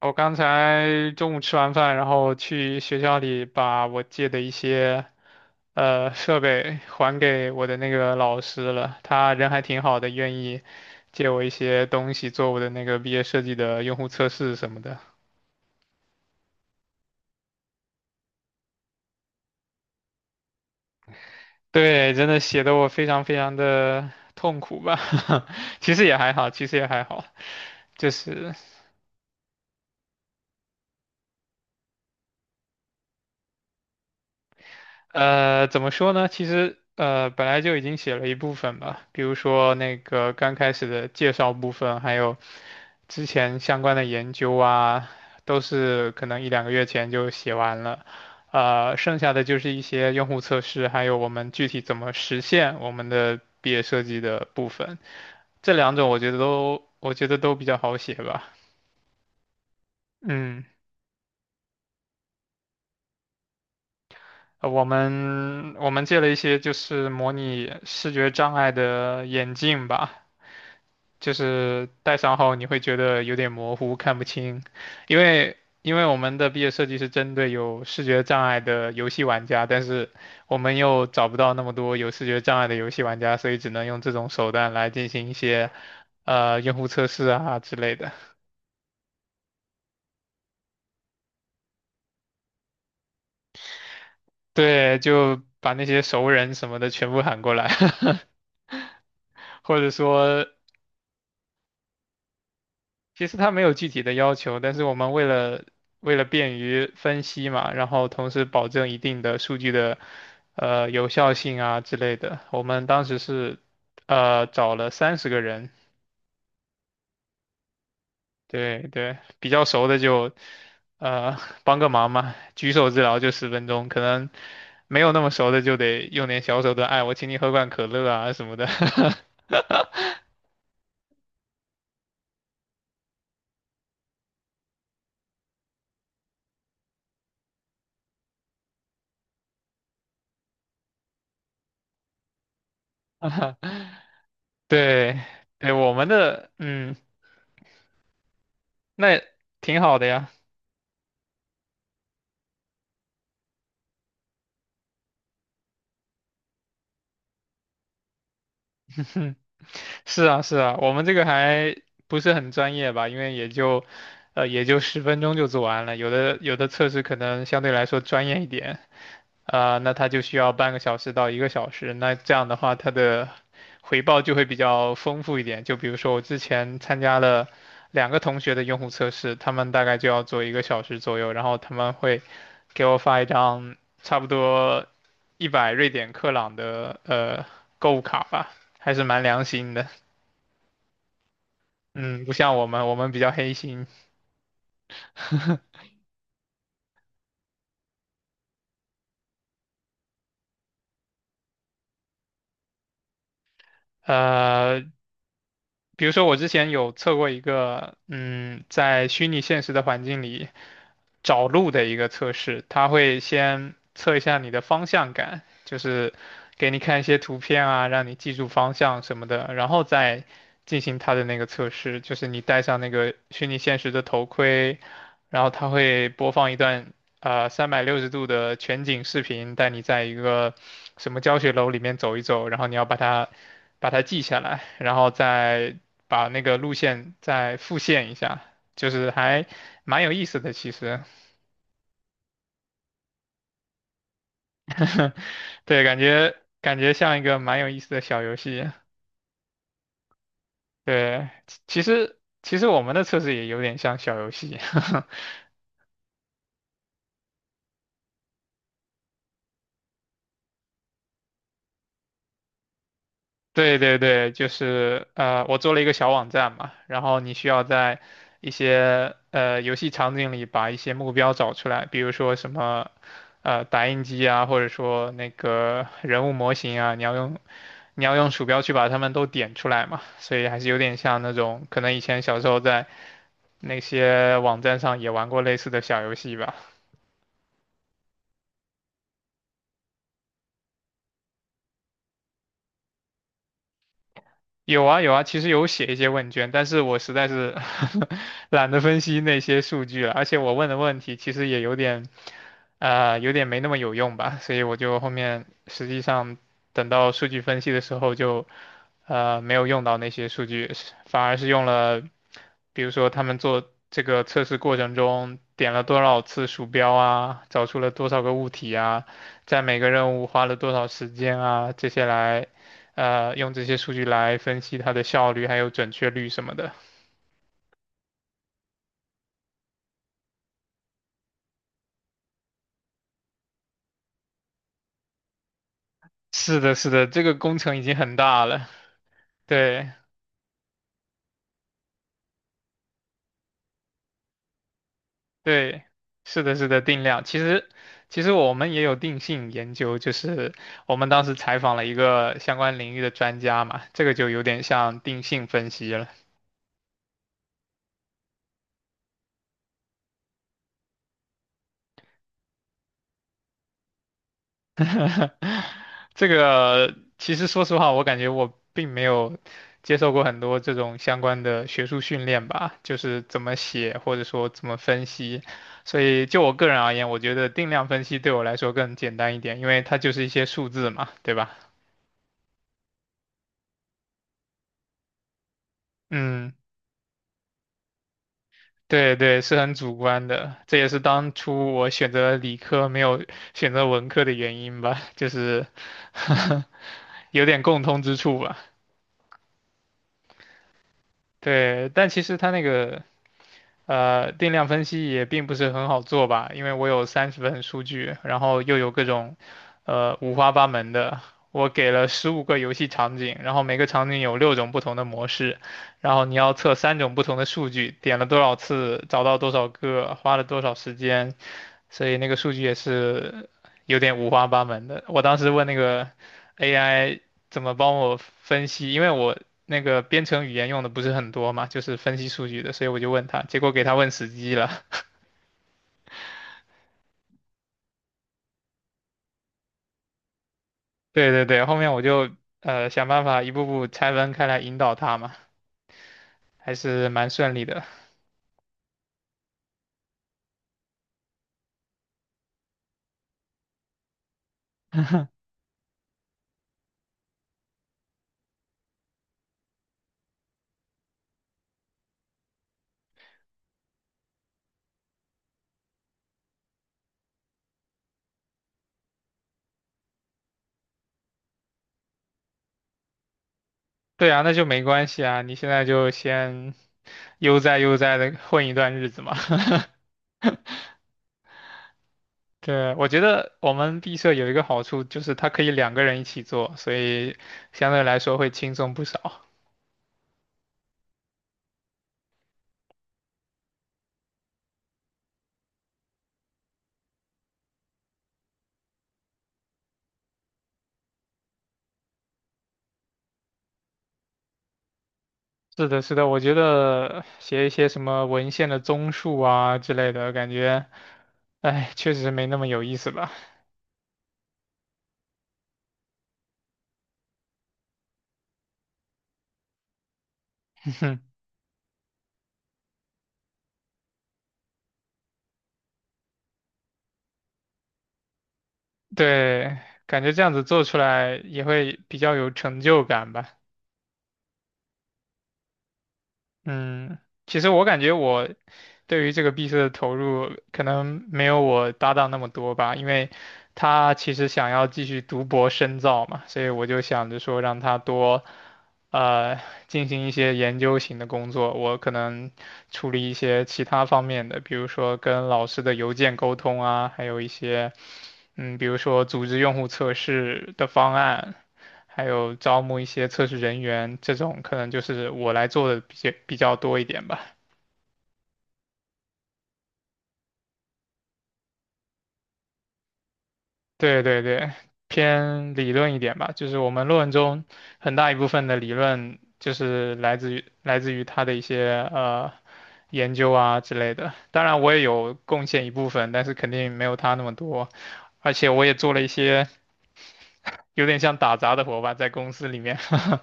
我刚才中午吃完饭，然后去学校里把我借的一些设备还给我的那个老师了。他人还挺好的，愿意借我一些东西做我的那个毕业设计的用户测试什么的。对，真的写的我非常非常的痛苦吧，其实也还好，其实也还好，就是。怎么说呢？其实本来就已经写了一部分吧，比如说那个刚开始的介绍部分，还有之前相关的研究啊，都是可能一两个月前就写完了。剩下的就是一些用户测试，还有我们具体怎么实现我们的毕业设计的部分。这两种我觉得都，我觉得都比较好写吧。嗯，我们借了一些就是模拟视觉障碍的眼镜吧，就是戴上后你会觉得有点模糊，看不清，因为我们的毕业设计是针对有视觉障碍的游戏玩家，但是我们又找不到那么多有视觉障碍的游戏玩家，所以只能用这种手段来进行一些用户测试啊之类的。对，就把那些熟人什么的全部喊过来，或者说其实它没有具体的要求，但是我们为了便于分析嘛，然后同时保证一定的数据的有效性啊之类的，我们当时是找了30个人，对对，比较熟的就呃帮个忙嘛，举手之劳就十分钟，可能没有那么熟的就得用点小手段，哎，我请你喝罐可乐啊什么的，对对，我们的嗯，那挺好的呀。哼，是啊，是啊，我们这个还不是很专业吧，因为也就，也就十分钟就做完了，有的测试可能相对来说专业一点。啊，那他就需要半个小时到一个小时。那这样的话，他的回报就会比较丰富一点。就比如说我之前参加了两个同学的用户测试，他们大概就要做一个小时左右，然后他们会给我发一张差不多100瑞典克朗的购物卡吧，还是蛮良心的。嗯，不像我们，我们比较黑心。呃，比如说我之前有测过一个，嗯，在虚拟现实的环境里找路的一个测试，它会先测一下你的方向感，就是给你看一些图片啊，让你记住方向什么的，然后再进行它的那个测试，就是你戴上那个虚拟现实的头盔，然后它会播放一段360度的全景视频，带你在一个什么教学楼里面走一走，然后你要把它记下来，然后再把那个路线再复现一下，就是还蛮有意思的，其实，对，感觉像一个蛮有意思的小游戏，对，其实我们的测试也有点像小游戏，对对对，就是我做了一个小网站嘛，然后你需要在一些游戏场景里把一些目标找出来，比如说什么打印机啊，或者说那个人物模型啊，你要用鼠标去把它们都点出来嘛，所以还是有点像那种可能以前小时候在那些网站上也玩过类似的小游戏吧。有啊有啊，其实有写一些问卷，但是我实在是 懒得分析那些数据了，而且我问的问题其实也有点，有点没那么有用吧，所以我就后面实际上等到数据分析的时候就，没有用到那些数据，反而是用了，比如说他们做这个测试过程中点了多少次鼠标啊，找出了多少个物体啊，在每个任务花了多少时间啊，这些来。用这些数据来分析它的效率还有准确率什么的。是的，是的，这个工程已经很大了。对对，是的，是的，定量。其实我们也有定性研究，就是我们当时采访了一个相关领域的专家嘛，这个就有点像定性分析了。这个其实说实话，我感觉我并没有接受过很多这种相关的学术训练吧，就是怎么写或者说怎么分析。所以就我个人而言，我觉得定量分析对我来说更简单一点，因为它就是一些数字嘛，对吧？嗯，对对，是很主观的，这也是当初我选择理科没有选择文科的原因吧，就是 有点共通之处吧。对，但其实它那个定量分析也并不是很好做吧，因为我有30份数据，然后又有各种，五花八门的。我给了15个游戏场景，然后每个场景有六种不同的模式，然后你要测三种不同的数据，点了多少次，找到多少个，花了多少时间，所以那个数据也是有点五花八门的。我当时问那个 AI怎么帮我分析，因为我那个编程语言用的不是很多嘛，就是分析数据的，所以我就问他，结果给他问死机了。对对对，后面我就想办法一步步拆分开来引导他嘛，还是蛮顺利的。对啊，那就没关系啊，你现在就先悠哉悠哉的混一段日子嘛。对，我觉得我们毕设有一个好处，就是它可以两个人一起做，所以相对来说会轻松不少。是的，是的，我觉得写一些什么文献的综述啊之类的，感觉，哎，确实没那么有意思吧。对，感觉这样子做出来也会比较有成就感吧。嗯，其实我感觉我对于这个毕设的投入可能没有我搭档那么多吧，因为他其实想要继续读博深造嘛，所以我就想着说让他多。呃进行一些研究型的工作，我可能处理一些其他方面的，比如说跟老师的邮件沟通啊，还有一些嗯，比如说组织用户测试的方案，还有招募一些测试人员，这种可能就是我来做的比较多一点吧。对对对，偏理论一点吧，就是我们论文中很大一部分的理论就是来自于他的一些研究啊之类的。当然我也有贡献一部分，但是肯定没有他那么多，而且我也做了一些有点像打杂的活吧，在公司里面。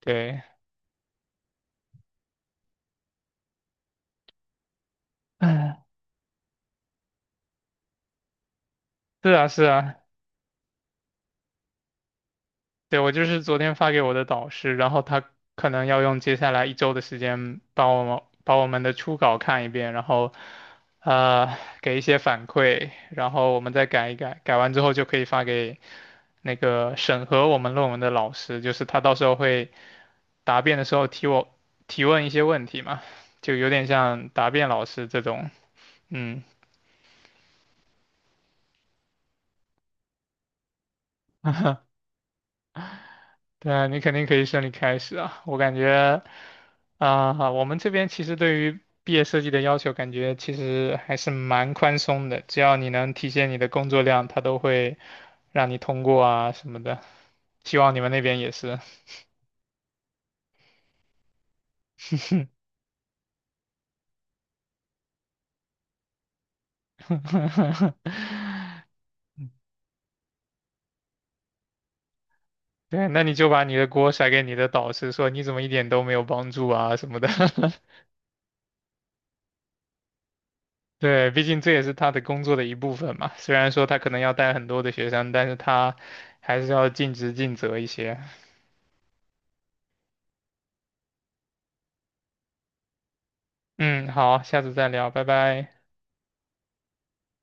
对，嗯，是啊是啊，对，我就是昨天发给我的导师，然后他可能要用接下来一周的时间把我们的初稿看一遍，然后呃给一些反馈，然后我们再改一改，改完之后就可以发给那个审核我们论文的老师，就是他到时候会答辩的时候提问一些问题嘛，就有点像答辩老师这种，嗯。对啊，你肯定可以顺利开始啊。我感觉啊，我们这边其实对于毕业设计的要求，感觉其实还是蛮宽松的，只要你能体现你的工作量，他都会让你通过啊什么的。希望你们那边也是。对，那你就把你的锅甩给你的导师，说你怎么一点都没有帮助啊什么的。对，毕竟这也是他的工作的一部分嘛。虽然说他可能要带很多的学生，但是他还是要尽职尽责一些。嗯，好，下次再聊，拜拜。